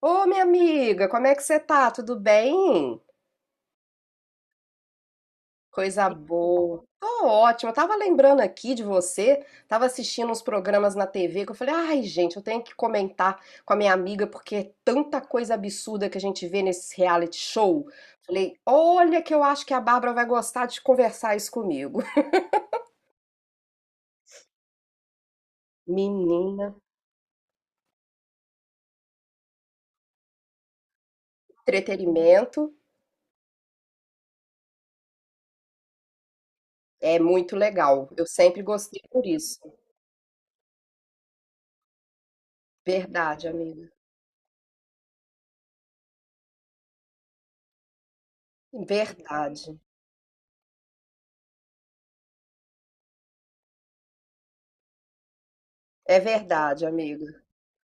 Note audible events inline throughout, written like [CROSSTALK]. Ô, minha amiga, como é que você tá? Tudo bem? Coisa boa. Tô ótima. Eu tava lembrando aqui de você, tava assistindo uns programas na TV que eu falei, ai, gente, eu tenho que comentar com a minha amiga porque é tanta coisa absurda que a gente vê nesses reality show. Falei, olha que eu acho que a Bárbara vai gostar de conversar isso comigo. [LAUGHS] Menina, entretenimento é muito legal. Eu sempre gostei por isso. Verdade, amiga. Verdade. É verdade, amiga.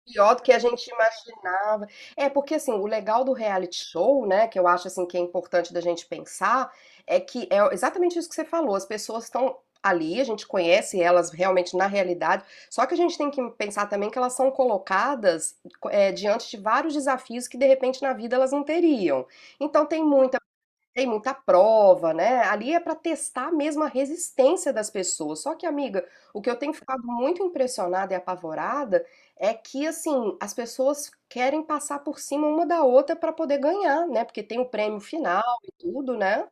Pior do que a gente imaginava. É, porque assim, o legal do reality show, né, que eu acho assim que é importante da gente pensar, é que é exatamente isso que você falou, as pessoas estão ali, a gente conhece elas realmente na realidade, só que a gente tem que pensar também que elas são colocadas, diante de vários desafios que de repente na vida elas não teriam. Então tem muita prova, né, ali é para testar mesmo a resistência das pessoas. Só que, amiga, o que eu tenho ficado muito impressionada e apavorada é que, assim, as pessoas querem passar por cima uma da outra para poder ganhar, né, porque tem o prêmio final e tudo, né.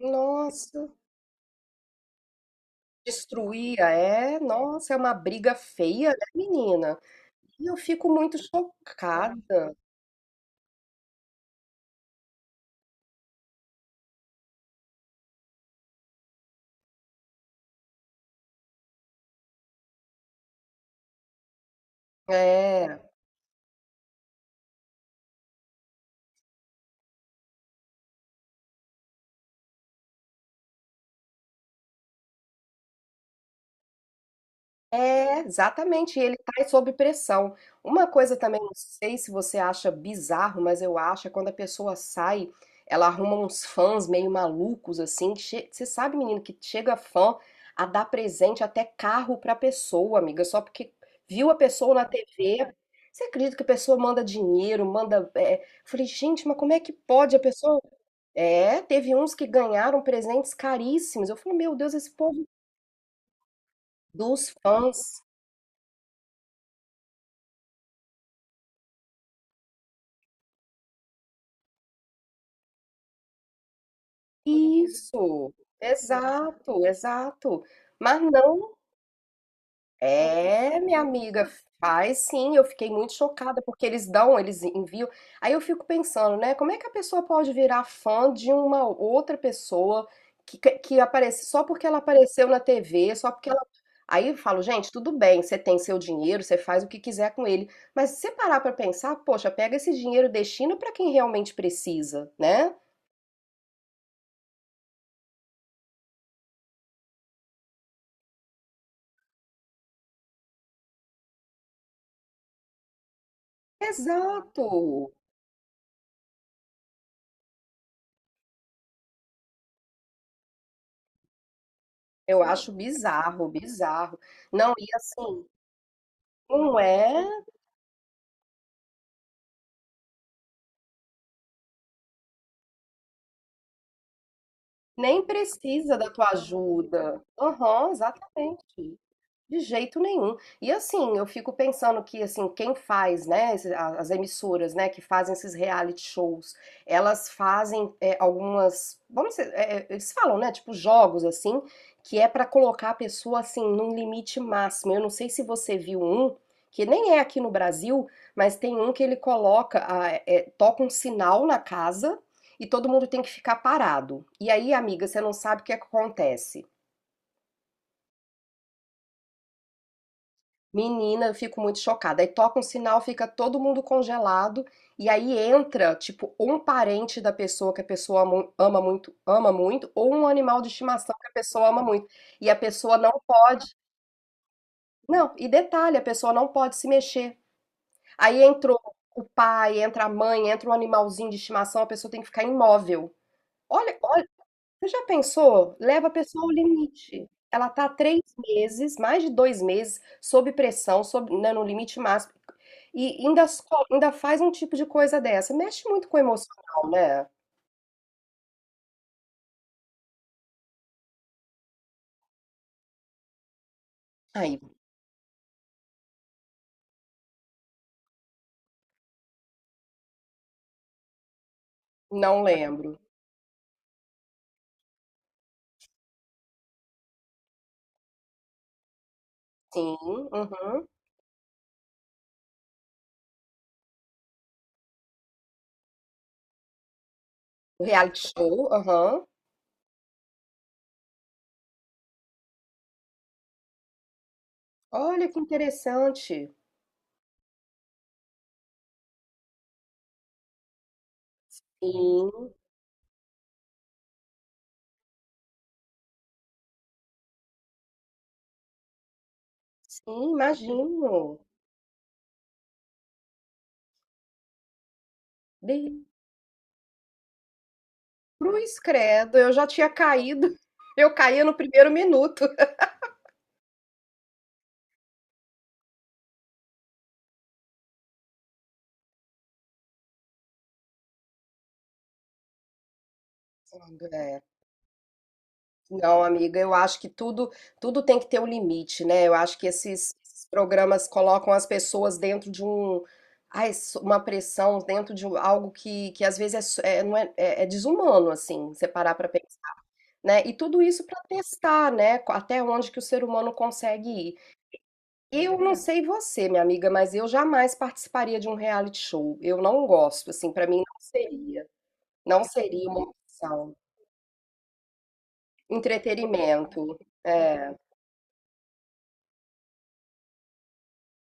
Nossa, destruía, é, nossa, é uma briga feia, né, menina. E eu fico muito chocada. É. É, exatamente, ele está sob pressão. Uma coisa também, não sei se você acha bizarro, mas eu acho, é quando a pessoa sai, ela arruma uns fãs meio malucos, assim. Você sabe, menino, que chega fã a dar presente até carro pra pessoa, amiga, só porque viu a pessoa na TV. Você acredita que a pessoa manda dinheiro, manda. Eu falei, gente, mas como é que pode a pessoa. É, teve uns que ganharam presentes caríssimos. Eu falei, meu Deus, esse povo dos fãs. Isso, exato, exato. Mas não, é, minha amiga, faz sim. Eu fiquei muito chocada porque eles dão, eles enviam. Aí eu fico pensando, né? Como é que a pessoa pode virar fã de uma outra pessoa que aparece só porque ela apareceu na TV, só porque ela. Aí eu falo, gente, tudo bem, você tem seu dinheiro, você faz o que quiser com ele. Mas se você parar pra pensar, poxa, pega esse dinheiro e destina pra quem realmente precisa, né? Exato. Eu acho bizarro, bizarro. Não, e assim, não é, nem precisa da tua ajuda. Aham, exatamente. De jeito nenhum. E assim, eu fico pensando que assim, quem faz, né, as emissoras, né, que fazem esses reality shows, elas fazem algumas, vamos dizer, eles falam, né, tipo jogos assim, que é pra colocar a pessoa assim num limite máximo. Eu não sei se você viu um, que nem é aqui no Brasil, mas tem um que ele coloca, toca um sinal na casa e todo mundo tem que ficar parado. E aí, amiga, você não sabe o que acontece. Menina, eu fico muito chocada. Aí toca um sinal, fica todo mundo congelado, e aí entra, tipo, um parente da pessoa que ama muito, ou um animal de estimação que a pessoa ama muito. E a pessoa não pode. Não, e detalhe, a pessoa não pode se mexer. Aí entrou o pai, entra a mãe, entra um animalzinho de estimação, a pessoa tem que ficar imóvel. Olha, olha. Você já pensou? Leva a pessoa ao limite. Ela tá 3 meses, mais de 2 meses, sob pressão, sob, né, no limite máximo. E ainda faz um tipo de coisa dessa. Mexe muito com o emocional, né? Aí, não lembro. Sim, uhum. O reality show, aham. Olha que interessante. Sim, sim, imagino. Bem, cruz credo, eu já tinha caído. [LAUGHS] Eu caía no primeiro minuto. [LAUGHS] É. Não, amiga, eu acho que tudo tem que ter um limite, né? Eu acho que esses programas colocam as pessoas dentro de um, ai, uma pressão, dentro de algo que às vezes é, so- é, não é, é- é desumano, assim, você parar pra pensar, né? E tudo isso pra testar, né? Até onde que o ser humano consegue ir. Eu não sei você, minha amiga, mas eu jamais participaria de um reality show. Eu não gosto, assim, pra mim não seria uma opção. Entretenimento, é.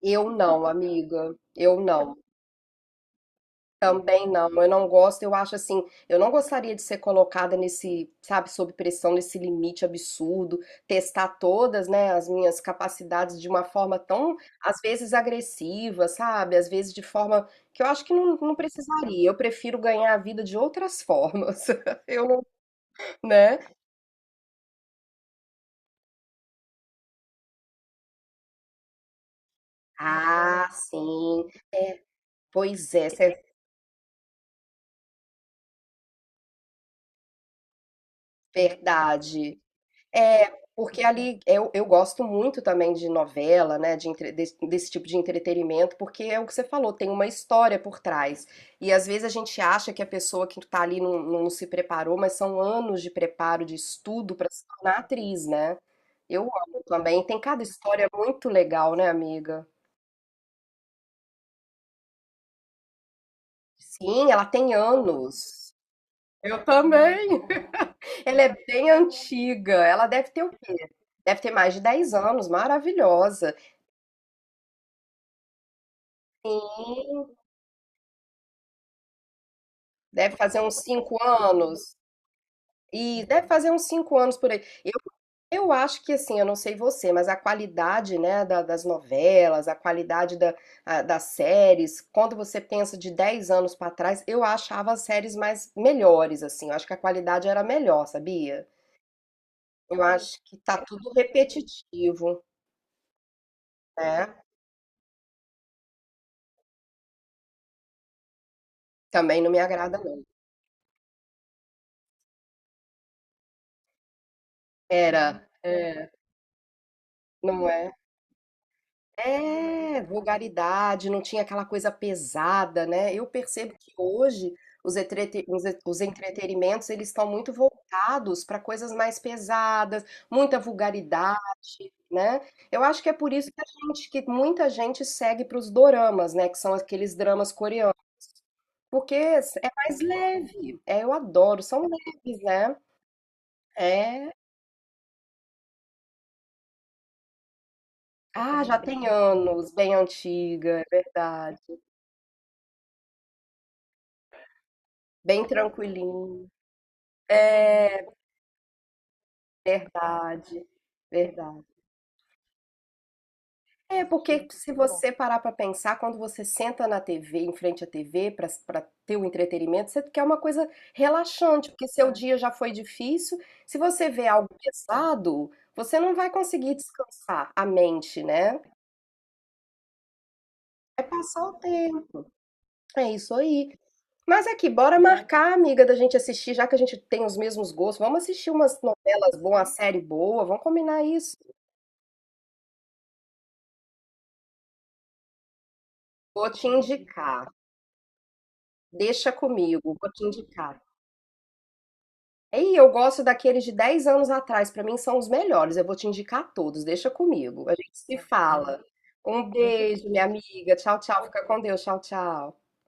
Eu não, amiga. Eu não. Também não. Eu não gosto. Eu acho assim, eu não gostaria de ser colocada nesse, sabe, sob pressão, nesse limite absurdo, testar todas, né, as minhas capacidades de uma forma tão, às vezes, agressiva, sabe? Às vezes de forma que eu acho que não, não precisaria. Eu prefiro ganhar a vida de outras formas. [LAUGHS] Eu não, né? Ah, sim. Pois é, essa é verdade. É, porque ali eu gosto muito também de novela, né, desse, desse tipo de entretenimento, porque é o que você falou, tem uma história por trás. E às vezes a gente acha que a pessoa que tá ali não, não se preparou, mas são anos de preparo, de estudo para se tornar atriz, né? Eu amo também. Tem cada história muito legal, né, amiga? Sim, ela tem anos. Eu também. [LAUGHS] Ela é bem antiga. Ela deve ter o quê? Deve ter mais de 10 anos. Maravilhosa. Deve fazer uns 5 anos. E deve fazer uns cinco anos por aí. Eu acho que assim, eu não sei você, mas a qualidade, né, das novelas, a qualidade das séries, quando você pensa de 10 anos pra trás, eu achava as séries mais melhores, assim. Eu acho que a qualidade era melhor, sabia? Eu acho que tá tudo repetitivo, né? Também não me agrada, não. Era, é, não é. É, vulgaridade, não tinha aquela coisa pesada, né. Eu percebo que hoje os entretenimentos, eles estão muito voltados para coisas mais pesadas, muita vulgaridade, né. Eu acho que é por isso que a gente que muita gente segue para os doramas, né, que são aqueles dramas coreanos, porque é mais leve. É, eu adoro, são leves, né. É. Ah, já tem anos, bem antiga, é verdade. Bem tranquilinho. É. Verdade, verdade. É, porque Muito se muito bom. Você parar para pensar, quando você senta na TV, em frente à TV, para ter o entretenimento, você quer uma coisa relaxante, porque seu dia já foi difícil. Se você vê algo pesado, você não vai conseguir descansar a mente, né? Vai passar o tempo. É isso aí. Mas aqui, bora É. marcar, amiga, da gente assistir, já que a gente tem os mesmos gostos. Vamos assistir umas novelas boas, uma série boa, vamos combinar isso. Vou te indicar. Deixa comigo, vou te indicar. Ei, eu gosto daqueles de 10 anos atrás, pra mim são os melhores. Eu vou te indicar todos, deixa comigo. A gente se fala. Um beijo, minha amiga. Tchau, tchau. Fica com Deus. Tchau, tchau.